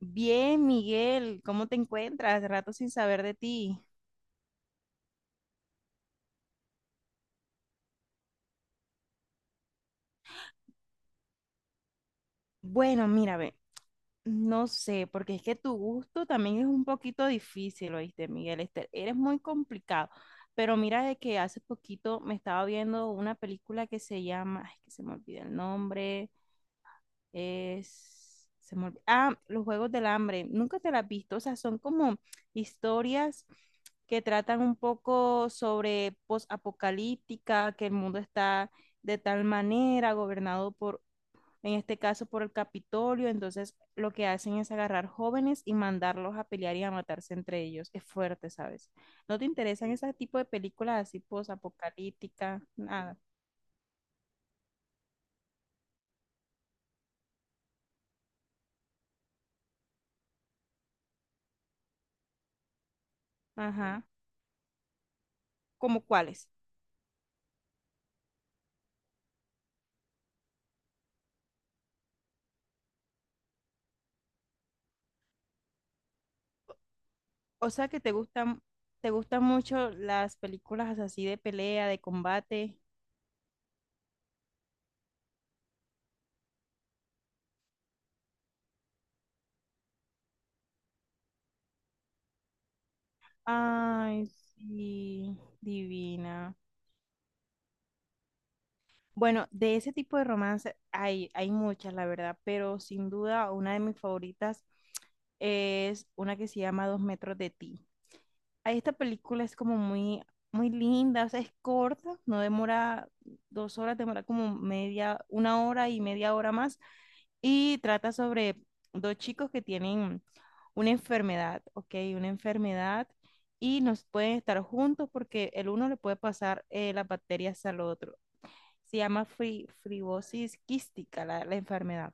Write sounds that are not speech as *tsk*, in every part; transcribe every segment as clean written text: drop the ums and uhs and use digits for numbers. Bien, Miguel, ¿cómo te encuentras? Rato sin saber de ti. Bueno, mira, ve, no sé, porque es que tu gusto también es un poquito difícil, ¿oíste, Miguel? Eres muy complicado. Pero mira de que hace poquito me estaba viendo una película que se llama, ay, que se me olvida el nombre. Es. Ah, los Juegos del Hambre. Nunca te las has visto. O sea, son como historias que tratan un poco sobre posapocalíptica, que el mundo está de tal manera gobernado por, en este caso, por el Capitolio. Entonces, lo que hacen es agarrar jóvenes y mandarlos a pelear y a matarse entre ellos. Es fuerte, ¿sabes? ¿No te interesan ese tipo de películas así posapocalíptica? Nada. Ajá. ¿Como cuáles? O sea que te gustan mucho las películas así de pelea, de combate. Ay, sí, divina. Bueno, de ese tipo de romance hay muchas, la verdad, pero sin duda una de mis favoritas es una que se llama Dos metros de ti. Ahí esta película es como muy, muy linda, o sea, es corta, no demora dos horas, demora como media, una hora y media hora más y trata sobre dos chicos que tienen una enfermedad, ¿ok? Una enfermedad y nos pueden estar juntos porque el uno le puede pasar las bacterias al otro. Se llama fibrosis quística la enfermedad.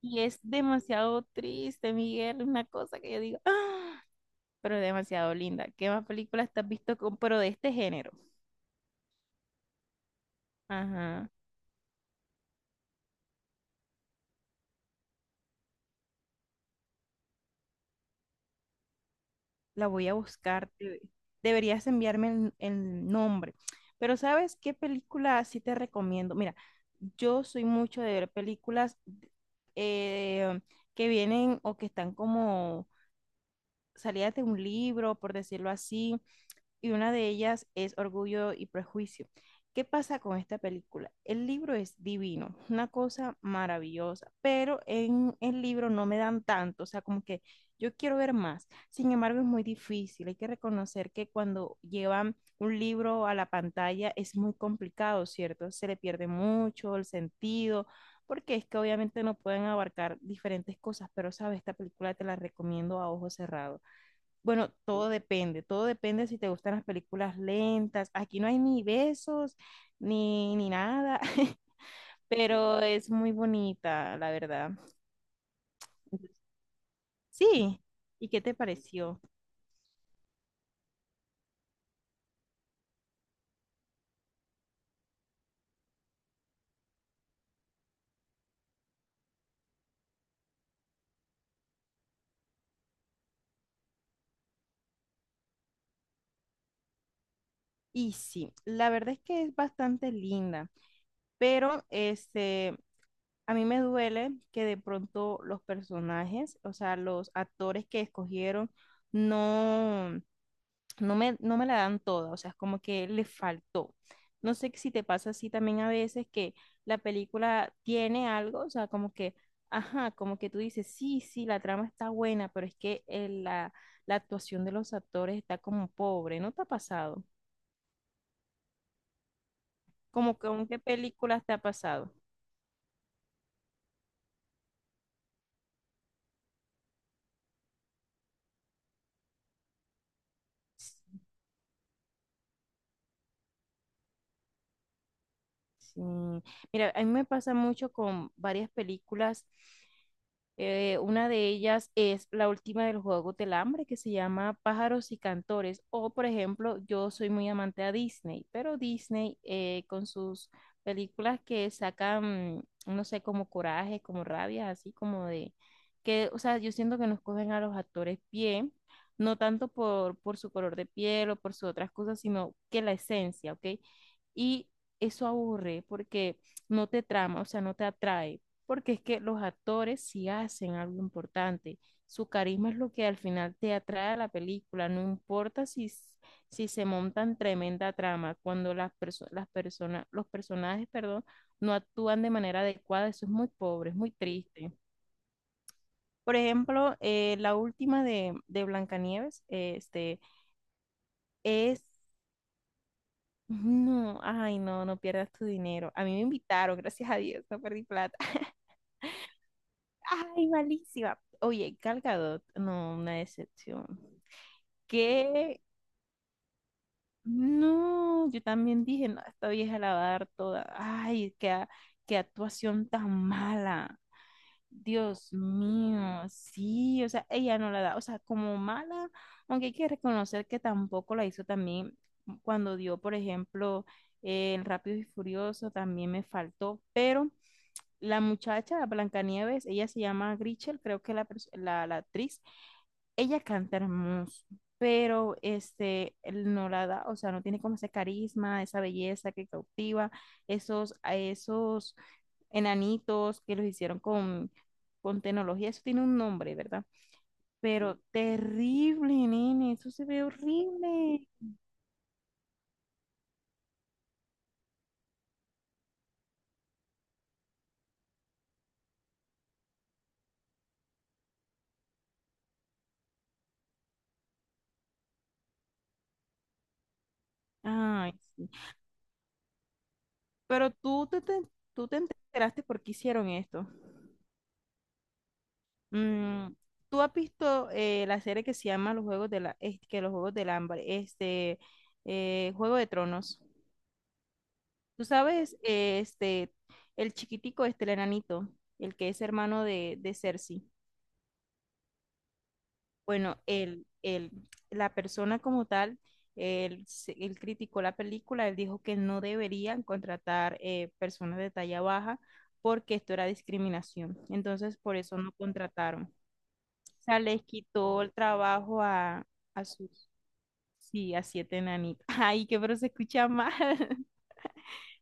Y es demasiado triste, Miguel, una cosa que yo digo, ¡ah!, pero demasiado linda. ¿Qué más películas te has visto con, pero de este género? Ajá. La voy a buscar. Deberías enviarme el nombre. Pero ¿sabes qué película sí te recomiendo? Mira, yo soy mucho de ver películas eh, que vienen o que están como salidas de un libro, por decirlo así, y una de ellas es Orgullo y Prejuicio. ¿Qué pasa con esta película? El libro es divino, una cosa maravillosa, pero en el libro no me dan tanto, o sea, como que yo quiero ver más. Sin embargo, es muy difícil, hay que reconocer que cuando llevan un libro a la pantalla es muy complicado, ¿cierto? Se le pierde mucho el sentido, porque es que obviamente no pueden abarcar diferentes cosas, pero sabes, esta película te la recomiendo a ojos cerrados. Bueno, todo depende si te gustan las películas lentas. Aquí no hay ni besos, ni nada, *laughs* pero es muy bonita, la verdad. Sí, ¿y qué te pareció? Y sí, la verdad es que es bastante linda, pero este, a mí me duele que de pronto los personajes, o sea, los actores que escogieron, no, no me la dan toda, o sea, es como que le faltó. No sé si te pasa así también a veces que la película tiene algo, o sea, como que, ajá, como que tú dices, sí, sí, la trama está buena, pero es que la actuación de los actores está como pobre, ¿no te ha pasado? Como que, ¿con qué películas te ha pasado? Sí. Mira, a mí me pasa mucho con varias películas. Una de ellas es la última del juego del hambre, que se llama Pájaros y Cantores. O, por ejemplo, yo soy muy amante a Disney, pero Disney con sus películas que sacan, no sé, como coraje, como rabia, así como de que, o sea, yo siento que nos cogen a los actores bien, no tanto por su color de piel o por sus otras cosas, sino que la esencia, ¿ok? Y eso aburre porque no te trama, o sea, no te atrae, porque es que los actores sí hacen algo importante. Su carisma es lo que al final te atrae a la película, no importa si, si se montan tremenda trama, cuando las personas, los personajes, perdón, no actúan de manera adecuada, eso es muy pobre, es muy triste. Por ejemplo, la última de Blancanieves, es no, ay, no, no pierdas tu dinero. A mí me invitaron, gracias a Dios, no perdí plata. *laughs* Ay, malísima. Oye, Gal Gadot, no, una decepción. ¿Qué? No, yo también dije, no, esta vieja la va a dar toda. Ay, qué actuación tan mala. Dios mío, sí, o sea, ella no la da, o sea, como mala, aunque hay que reconocer que tampoco la hizo también cuando dio, por ejemplo, el Rápido y Furioso, también me faltó, pero la muchacha, Blancanieves, ella se llama Grichel, creo que la actriz, ella canta hermoso, pero este, él no la da, o sea, no tiene como ese carisma, esa belleza que cautiva, a esos enanitos que los hicieron con tecnología, eso tiene un nombre, ¿verdad? Pero terrible, nene, eso se ve horrible. Ay, sí. Pero tú te enteraste por qué hicieron esto. Mm, ¿tú has visto la serie que se llama los Juegos del Hambre, Juego de Tronos? ¿Tú sabes, el chiquitico, el enanito, el que es hermano de Cersei? Bueno, el la persona como tal, él criticó la película, él dijo que no deberían contratar personas de talla baja porque esto era discriminación. Entonces, por eso no contrataron. O sea, les quitó el trabajo a sus, sí, a 7 enanitos. *laughs* Ay, qué, pero se escucha mal. *laughs*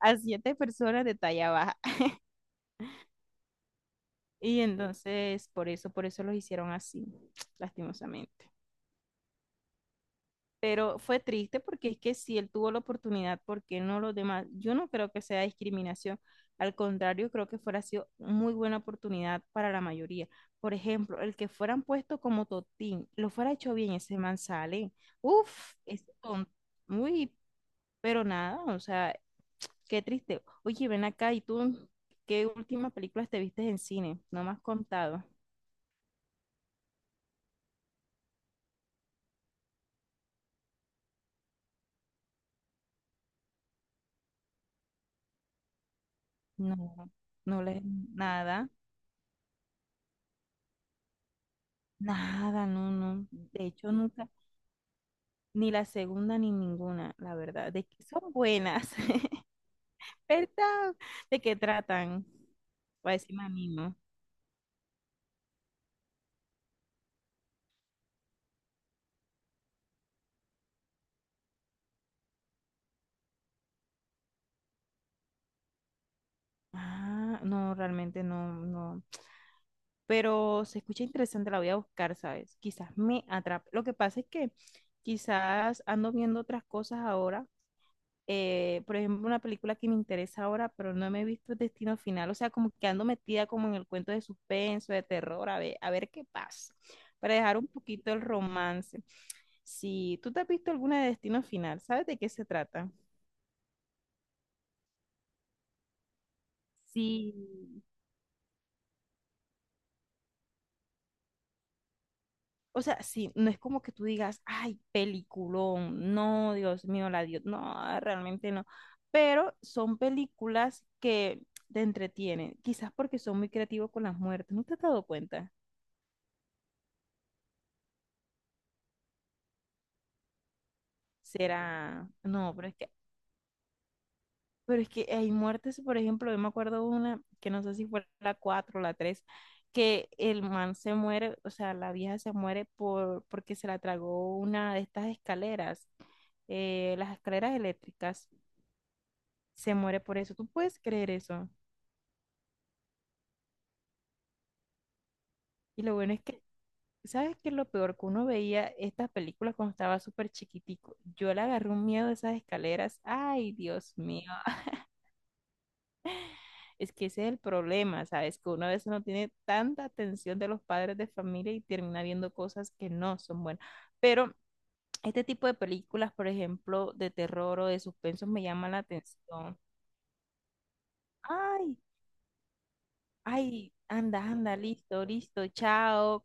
A 7 personas de talla baja. *laughs* Y entonces, por eso los hicieron así, *tsk* lastimosamente. Pero fue triste porque es que si él tuvo la oportunidad, ¿por qué no los demás? Yo no creo que sea discriminación. Al contrario, creo que fuera sido muy buena oportunidad para la mayoría. Por ejemplo, el que fueran puesto como Totín, lo fuera hecho bien, ese man sale. Uf, es ton- muy Pero nada, o sea, qué triste. Oye, ven acá, ¿y tú qué últimas películas te viste en cine? No me has contado. No, nada, nada, no, no. De hecho, nunca, ni la segunda ni ninguna, la verdad. De que son buenas, *laughs* ¿verdad? ¿De qué tratan? Para decirme a mí, ¿no? Ah, no, realmente no, no. Pero se escucha interesante, la voy a buscar, ¿sabes? Quizás me atrape. Lo que pasa es que quizás ando viendo otras cosas ahora. Por ejemplo, una película que me interesa ahora, pero no me he visto el Destino Final. O sea, como que ando metida como en el cuento de suspenso, de terror, a ver qué pasa. Para dejar un poquito el romance. Si tú te has visto alguna de Destino Final, ¿sabes de qué se trata? Sí. O sea, sí, no es como que tú digas, ay, peliculón, no, Dios mío, la Dios, no, realmente no. Pero son películas que te entretienen, quizás porque son muy creativos con las muertes, ¿no te has dado cuenta? Será, no, pero es que hay muertes, por ejemplo, yo me acuerdo una, que no sé si fue la 4 o la 3, que el man se muere, o sea, la vieja se muere por, porque se la tragó una de estas escaleras, las escaleras eléctricas. Se muere por eso. ¿Tú puedes creer eso? Y lo bueno es que, ¿sabes qué es lo peor? Que uno veía estas películas cuando estaba súper chiquitico. Yo le agarré un miedo a esas escaleras. Ay, Dios mío. Es que ese es el problema, ¿sabes? Que uno a veces no tiene tanta atención de los padres de familia y termina viendo cosas que no son buenas. Pero este tipo de películas, por ejemplo, de terror o de suspenso, me llaman la atención. Ay, ay, anda, anda, listo, listo, chao.